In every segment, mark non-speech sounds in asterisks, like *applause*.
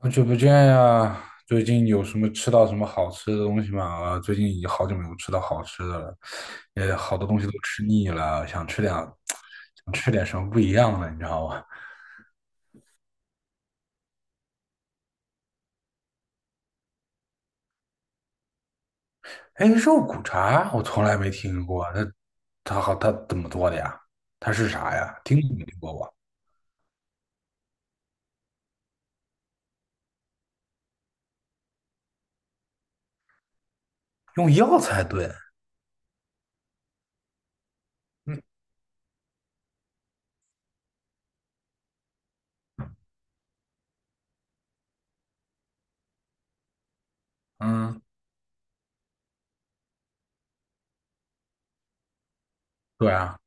好久不见呀！最近有什么吃到什么好吃的东西吗？啊，最近已经好久没有吃到好吃的了，也好多东西都吃腻了，想吃点什么不一样的，你知道吗？哎，肉骨茶我从来没听过，它怎么做的呀？它是啥呀？听都没听过吧？用药材炖？嗯嗯，对啊，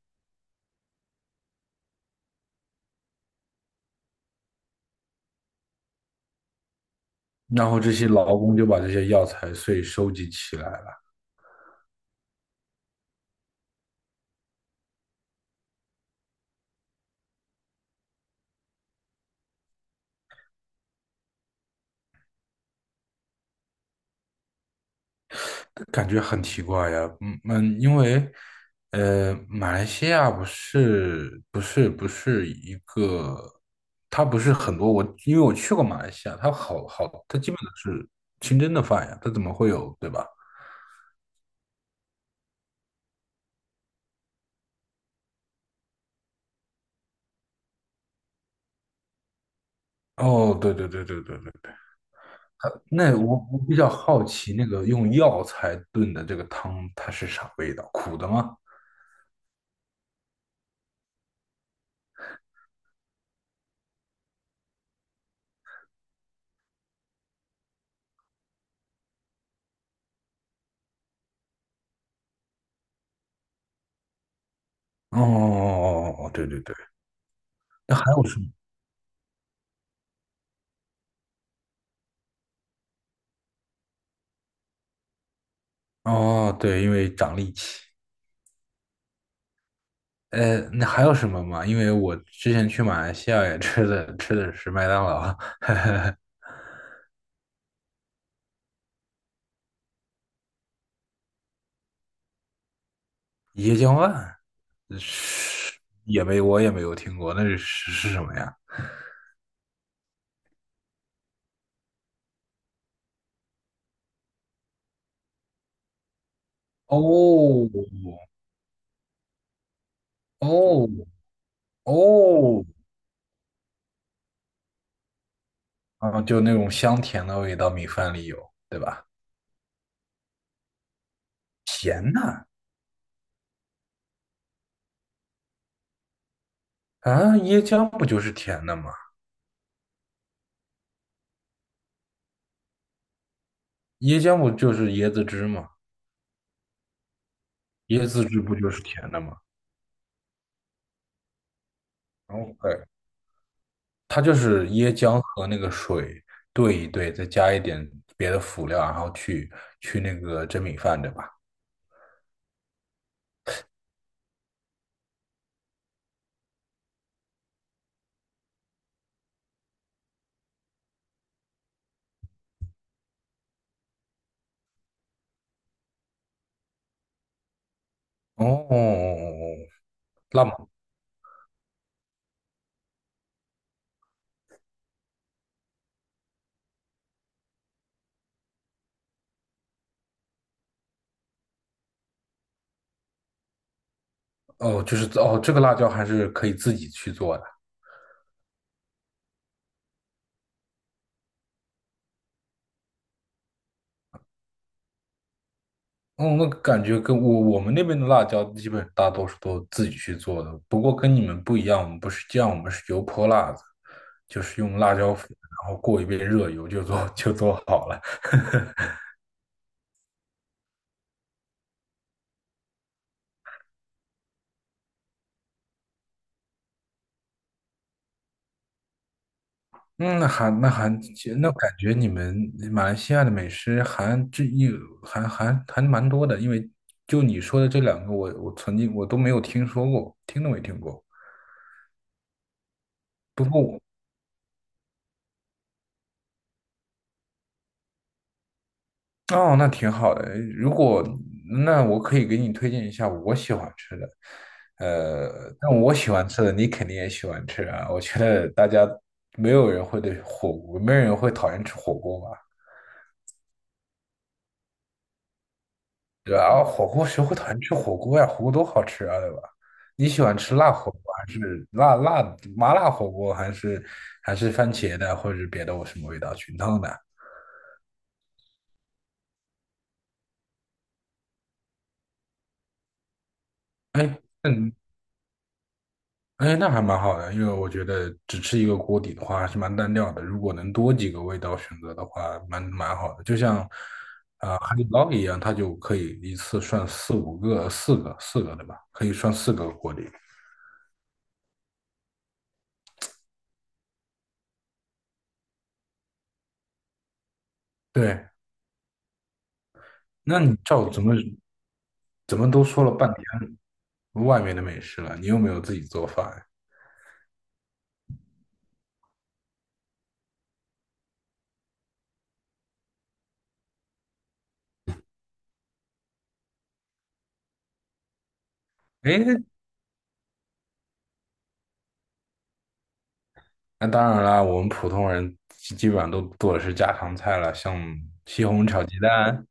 然后这些劳工就把这些药材碎收集起来了。感觉很奇怪呀，嗯嗯，因为马来西亚不是一个，它不是很多我，因为我去过马来西亚，它好好，它基本都是清真的饭呀，它怎么会有，对吧？哦，对对对对对对对，它那我比较好奇，那个用药材炖的这个汤，它是啥味道？苦的吗？哦哦哦哦，哦对对对，那还有什么？哦，对，因为长力气。那还有什么吗？因为我之前去马来西亚也吃的是麦当劳，*laughs* 椰浆饭，是也没有听过，那是什么呀？哦哦哦，啊，就那种香甜的味道，米饭里有，对吧？嗯啊，椰浆不就是甜的吗？椰浆不就是椰子汁吗？椰子汁不就是甜的吗？OK,它就是椰浆和那个水兑一兑，再加一点别的辅料，然后去那个蒸米饭，对吧？哦，哦哦哦辣么哦，就是哦，这个辣椒还是可以自己去做的。哦，那感觉跟我们那边的辣椒基本大多数都自己去做的，不过跟你们不一样，我们不是酱，我们是油泼辣子，就是用辣椒粉，然后过一遍热油就做好了。嗯，那还那还那感觉你们马来西亚的美食还这一还还还蛮多的，因为就你说的这两个我，我曾经都没有听说过，听都没听过。不过我哦，那挺好的。那我可以给你推荐一下我喜欢吃的，但我喜欢吃的你肯定也喜欢吃啊。我觉得大家没有人会对火锅，没有人会讨厌吃火锅吧。对后火锅谁会讨厌吃火锅呀？火锅多好吃啊，对吧？你喜欢吃辣火锅还是麻辣火锅，还是番茄的，或者是别的我什么味道菌汤的？哎，嗯，哎，那还蛮好的，因为我觉得只吃一个锅底的话还是蛮单调的。如果能多几个味道选择的话，蛮好的。就像海底捞一样，它就可以一次涮四五个、四个，对吧？可以涮四个锅底。对，那你照怎么怎么都说了半天。外面的美食了，你又没有自己做饭。哎，那当然啦，我们普通人基本上都做的是家常菜了，像西红柿炒鸡蛋，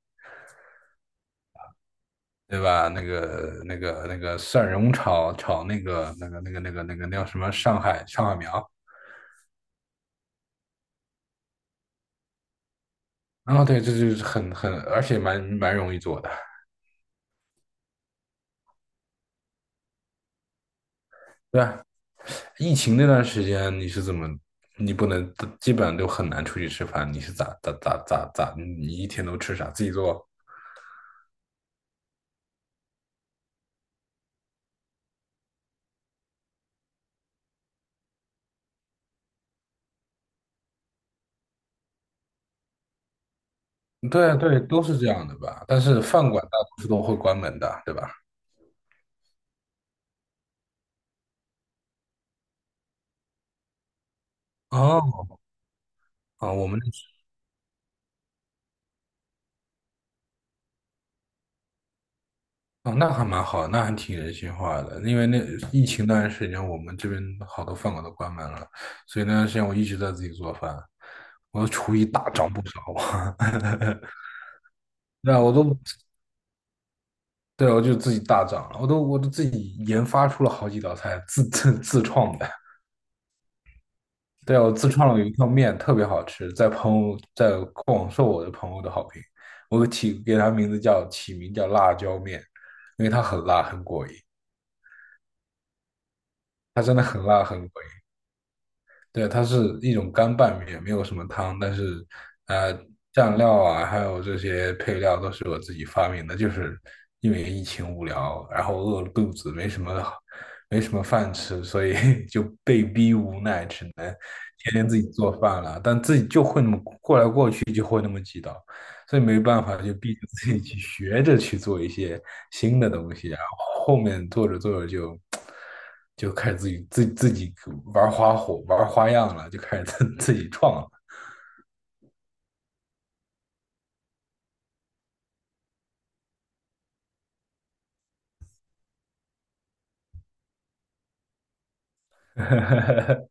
对吧？那个蒜蓉炒那个、那个、那个、那个、那个那叫什么上海苗。啊，对，这就是很，而且蛮容易做的，对吧？疫情那段时间你是怎么？你不能，基本上都很难出去吃饭。你是咋？你一天都吃啥？自己做？对对，都是这样的吧？但是饭馆大多数都会关门的，对吧？哦，啊，我们那哦，那还蛮好，那还挺人性化的。因为那疫情那段时间，我们这边好多饭馆都关门了，所以那段时间我一直在自己做饭，我的厨艺大涨不少啊。*laughs* 对啊，对，我就自己大涨了，我都自己研发出了好几道菜，自创的。对，我自创了有一条面，特别好吃，在朋友在广受我的朋友的好评。我起给它名字叫起名叫辣椒面，因为它很辣，很过瘾。它真的很辣，很过瘾。对，它是一种干拌面，没有什么汤，但是呃，蘸料啊，还有这些配料都是我自己发明的，就是因为疫情无聊，然后饿了肚子，没什么饭吃，所以 *laughs* 就被逼无奈，只能天天自己做饭了。但自己就会那么过来过去，就会那么几道。所以没办法，就逼着自己去学着去做一些新的东西，然后后面做着做着就开始自己自己玩花火、玩花样了，就开始自己创了，*laughs*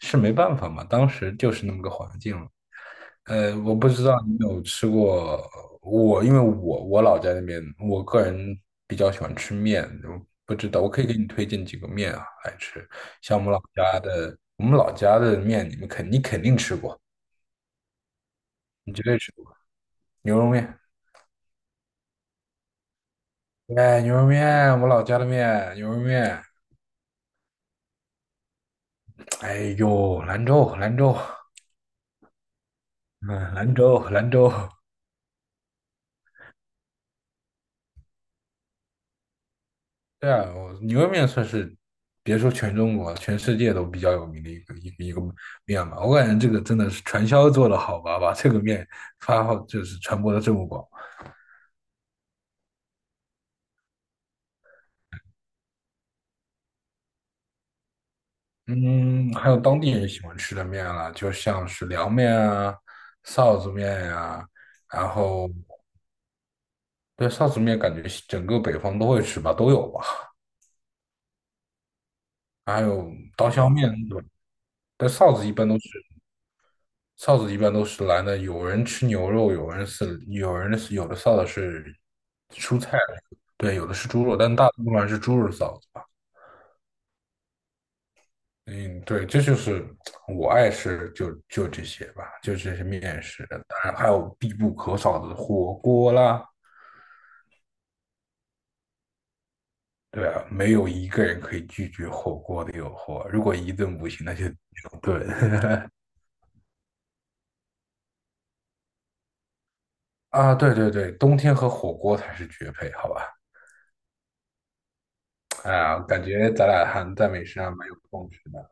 是没办法嘛，当时就是那么个环境了。呃，我不知道你有吃过因为我老家那边，我个人比较喜欢吃面，我不知道，我可以给你推荐几个面啊来吃。像我们老家的，我们老家的面，你肯定吃过，你绝对吃过牛肉面。哎，牛肉面，我老家的面，牛肉面。哎呦，兰州，兰州，嗯，兰州对啊，我牛肉面算是，别说全中国，全世界都比较有名的一个面吧。我感觉这个真的是传销做的好吧，把这个面发好就是传播的这么广。嗯，还有当地人喜欢吃的面啦，就像是凉面啊、臊子面呀、然后对臊子面感觉整个北方都会吃吧，都有吧。还有刀削面，对吧？但臊子一般都是蓝的，有人吃牛肉，有的臊子是蔬菜，对，有的是猪肉，但大部分还是猪肉臊子吧。嗯，对，这就是我爱吃这些吧，就这些面食，当然还有必不可少的火锅啦。对啊，没有一个人可以拒绝火锅的诱惑。如果一顿不行，那就两顿。*laughs* 啊，对对对，冬天和火锅才是绝配，好吧？哎呀，感觉咱俩还在美食上蛮有共识的。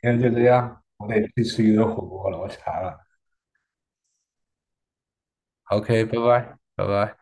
今天就这样，我得去吃一顿火锅了，我馋了。OK,拜拜，拜拜。